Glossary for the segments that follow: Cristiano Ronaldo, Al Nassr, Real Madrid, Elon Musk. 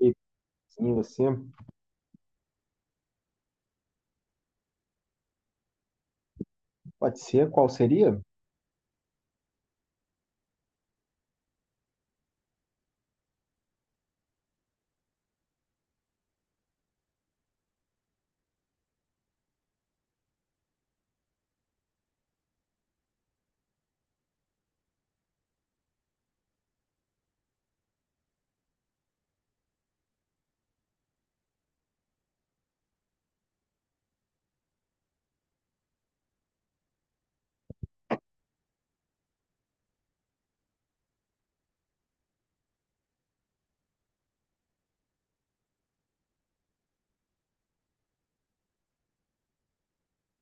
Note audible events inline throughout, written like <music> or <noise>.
E sim, você pode ser? Qual seria?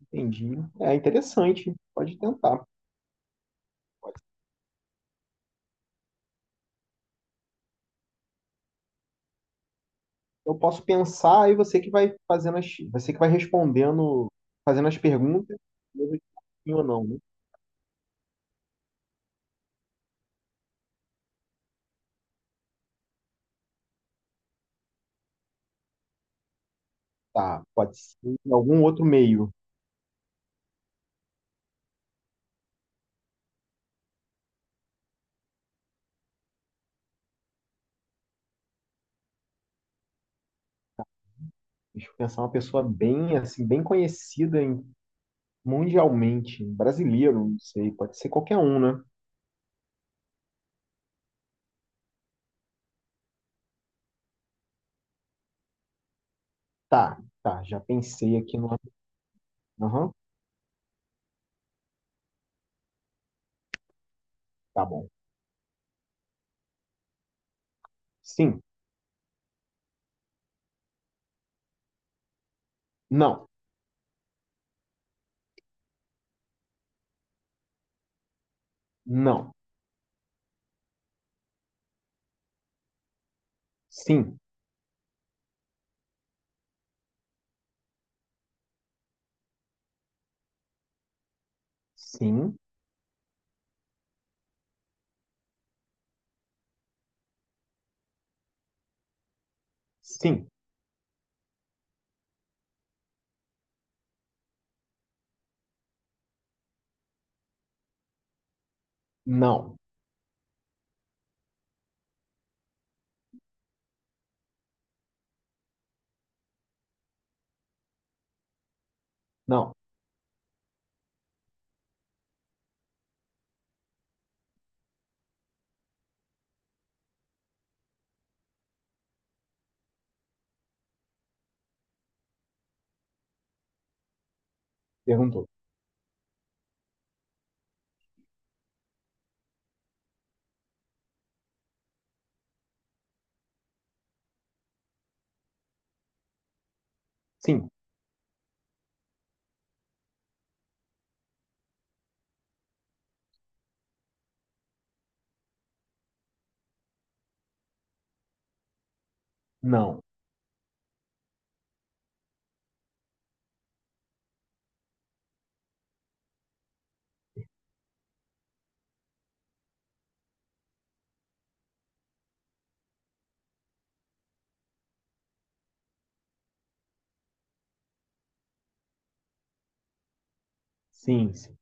Entendi. É interessante. Pode tentar. Eu posso pensar e você que vai fazendo você que vai respondendo, fazendo as perguntas, e eu respondo sim ou não, né? Tá, pode ser em algum outro meio. Deixa eu pensar uma pessoa bem assim, bem conhecida mundialmente, brasileiro, não sei, pode ser qualquer um, né? Tá, já pensei aqui no. Aham, tá bom. Sim, não, não, sim, sim, sim. Não, não. Perguntou. Sim, não. Sim, sim.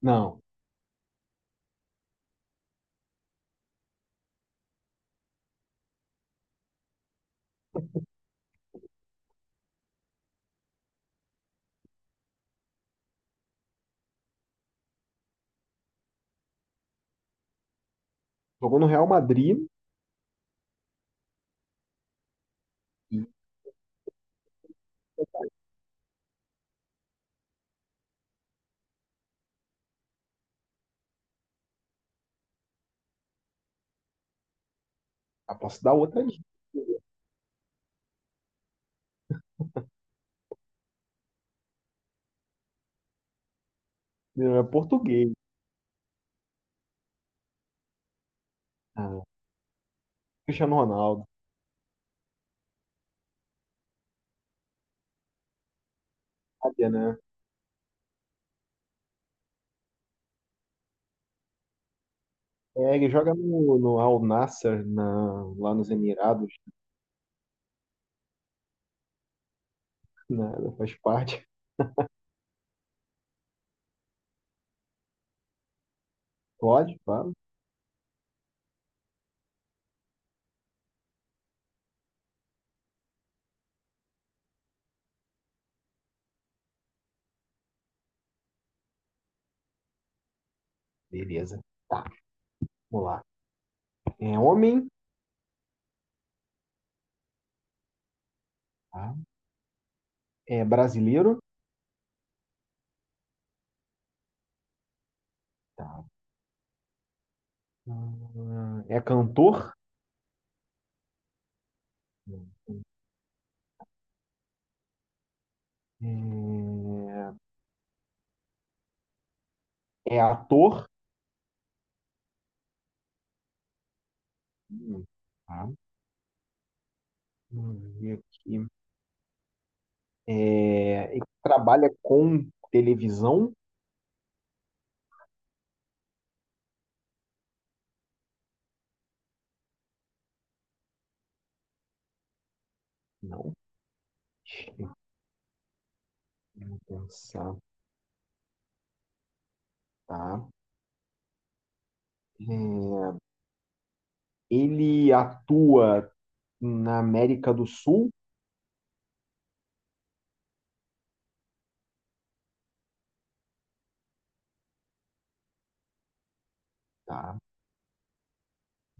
Não. Jogou no Real Madrid e ah, posso dar outra dica. É português. Ah, Cristiano Ronaldo. Sabia, né? É, ele joga no Al Nassr, na, lá nos Emirados. <laughs> Né? Faz parte. Pode, claro. Beleza. Tá, vamos lá. É homem, tá? É brasileiro, tá? Ah, é cantor, né? é é ator, Hum, tá? Vamos ver aqui. É, e trabalha com televisão? Não. Deixa eu pensar, tá? É, ele atua na América do Sul? Tá.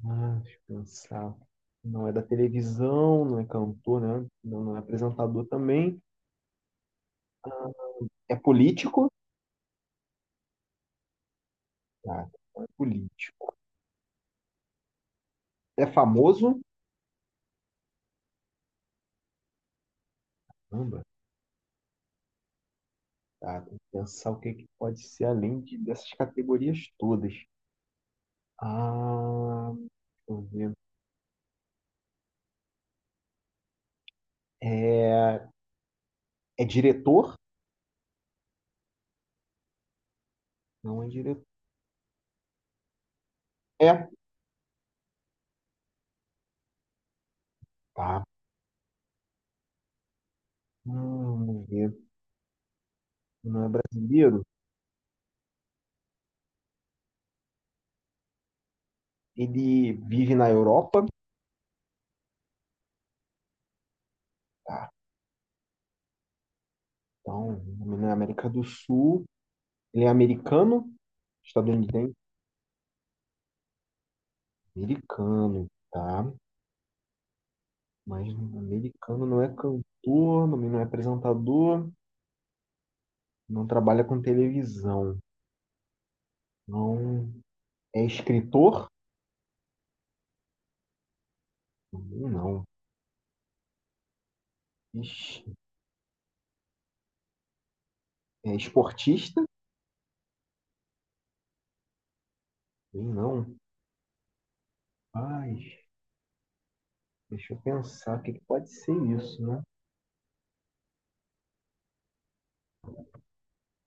Ah, deixa eu pensar. Não é da televisão, não é cantor, né? Não, não é apresentador também. É político? Tá, não é político. É famoso? Caramba, tá. Tem que pensar o que, que pode ser além dessas categorias todas. Ah, deixa eu ver. É, é diretor? Não é diretor. É, tá. Vamos ver. Não é brasileiro? Ele vive na Europa, tá? Então, na América do Sul. Ele é americano, estadunidense, americano, tá? Mas americano não é cantor, também não é apresentador, não trabalha com televisão, não é escritor, também não. Ixi, é esportista, também não. Ai, deixa eu pensar, o que que pode ser isso, né?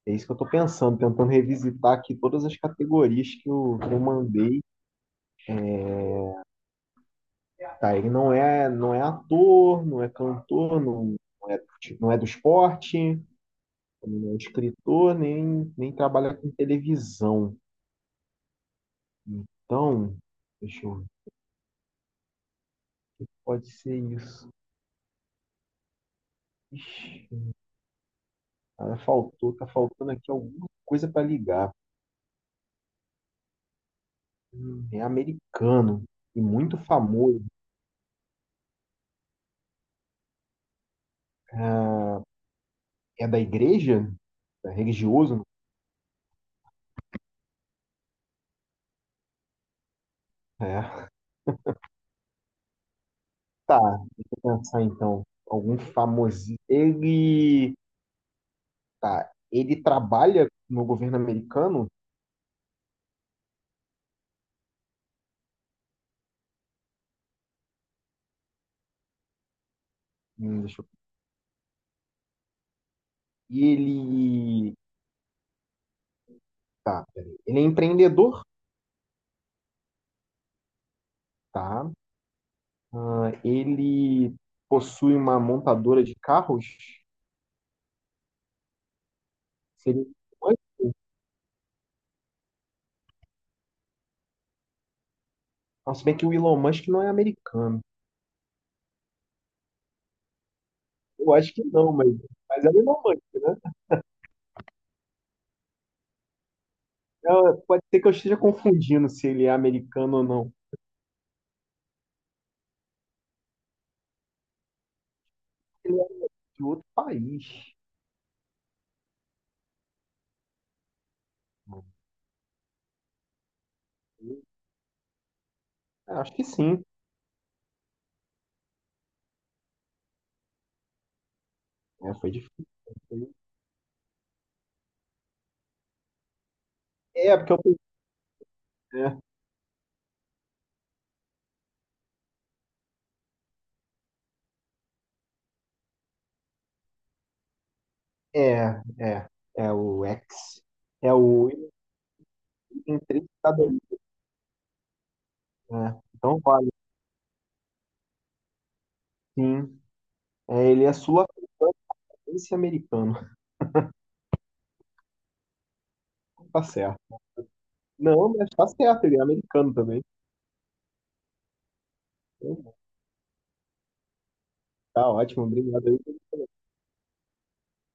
É isso que eu tô pensando, tentando revisitar aqui todas as categorias que eu mandei. Tá, ele não é ator, não é, não é do esporte, não é escritor, nem trabalha com televisão. Então, deixa eu ver. Pode ser isso. Ixi, cara, faltou, tá faltando aqui alguma coisa para ligar. É americano e muito famoso. Ah, é da igreja? É religioso? É. Tá, deixa eu pensar então. Algum famosinho. Ele. Tá, ele trabalha no governo americano? Deixa eu... E ele. Tá, peraí. Ele é empreendedor? Tá. Ah, ele possui uma montadora de carros? Seria o Elon Musk? Não, se bem que o Elon Musk não é americano. Eu acho que não, mas é o Elon Musk, né? É, pode ser que eu esteja confundindo se ele é americano ou não. Ele é de outro país. Mano. É, acho que sim. É, foi difícil, hein? É, porque eu pensei. É, é o X. É o entrevistador. É, então vale. Sim. É, ele é sul-africano, esse americano. <laughs> Tá certo. Não, mas tá certo, ele é americano também. Tá ótimo, obrigado aí.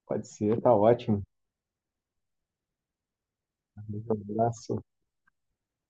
Pode ser, tá ótimo. Um abraço.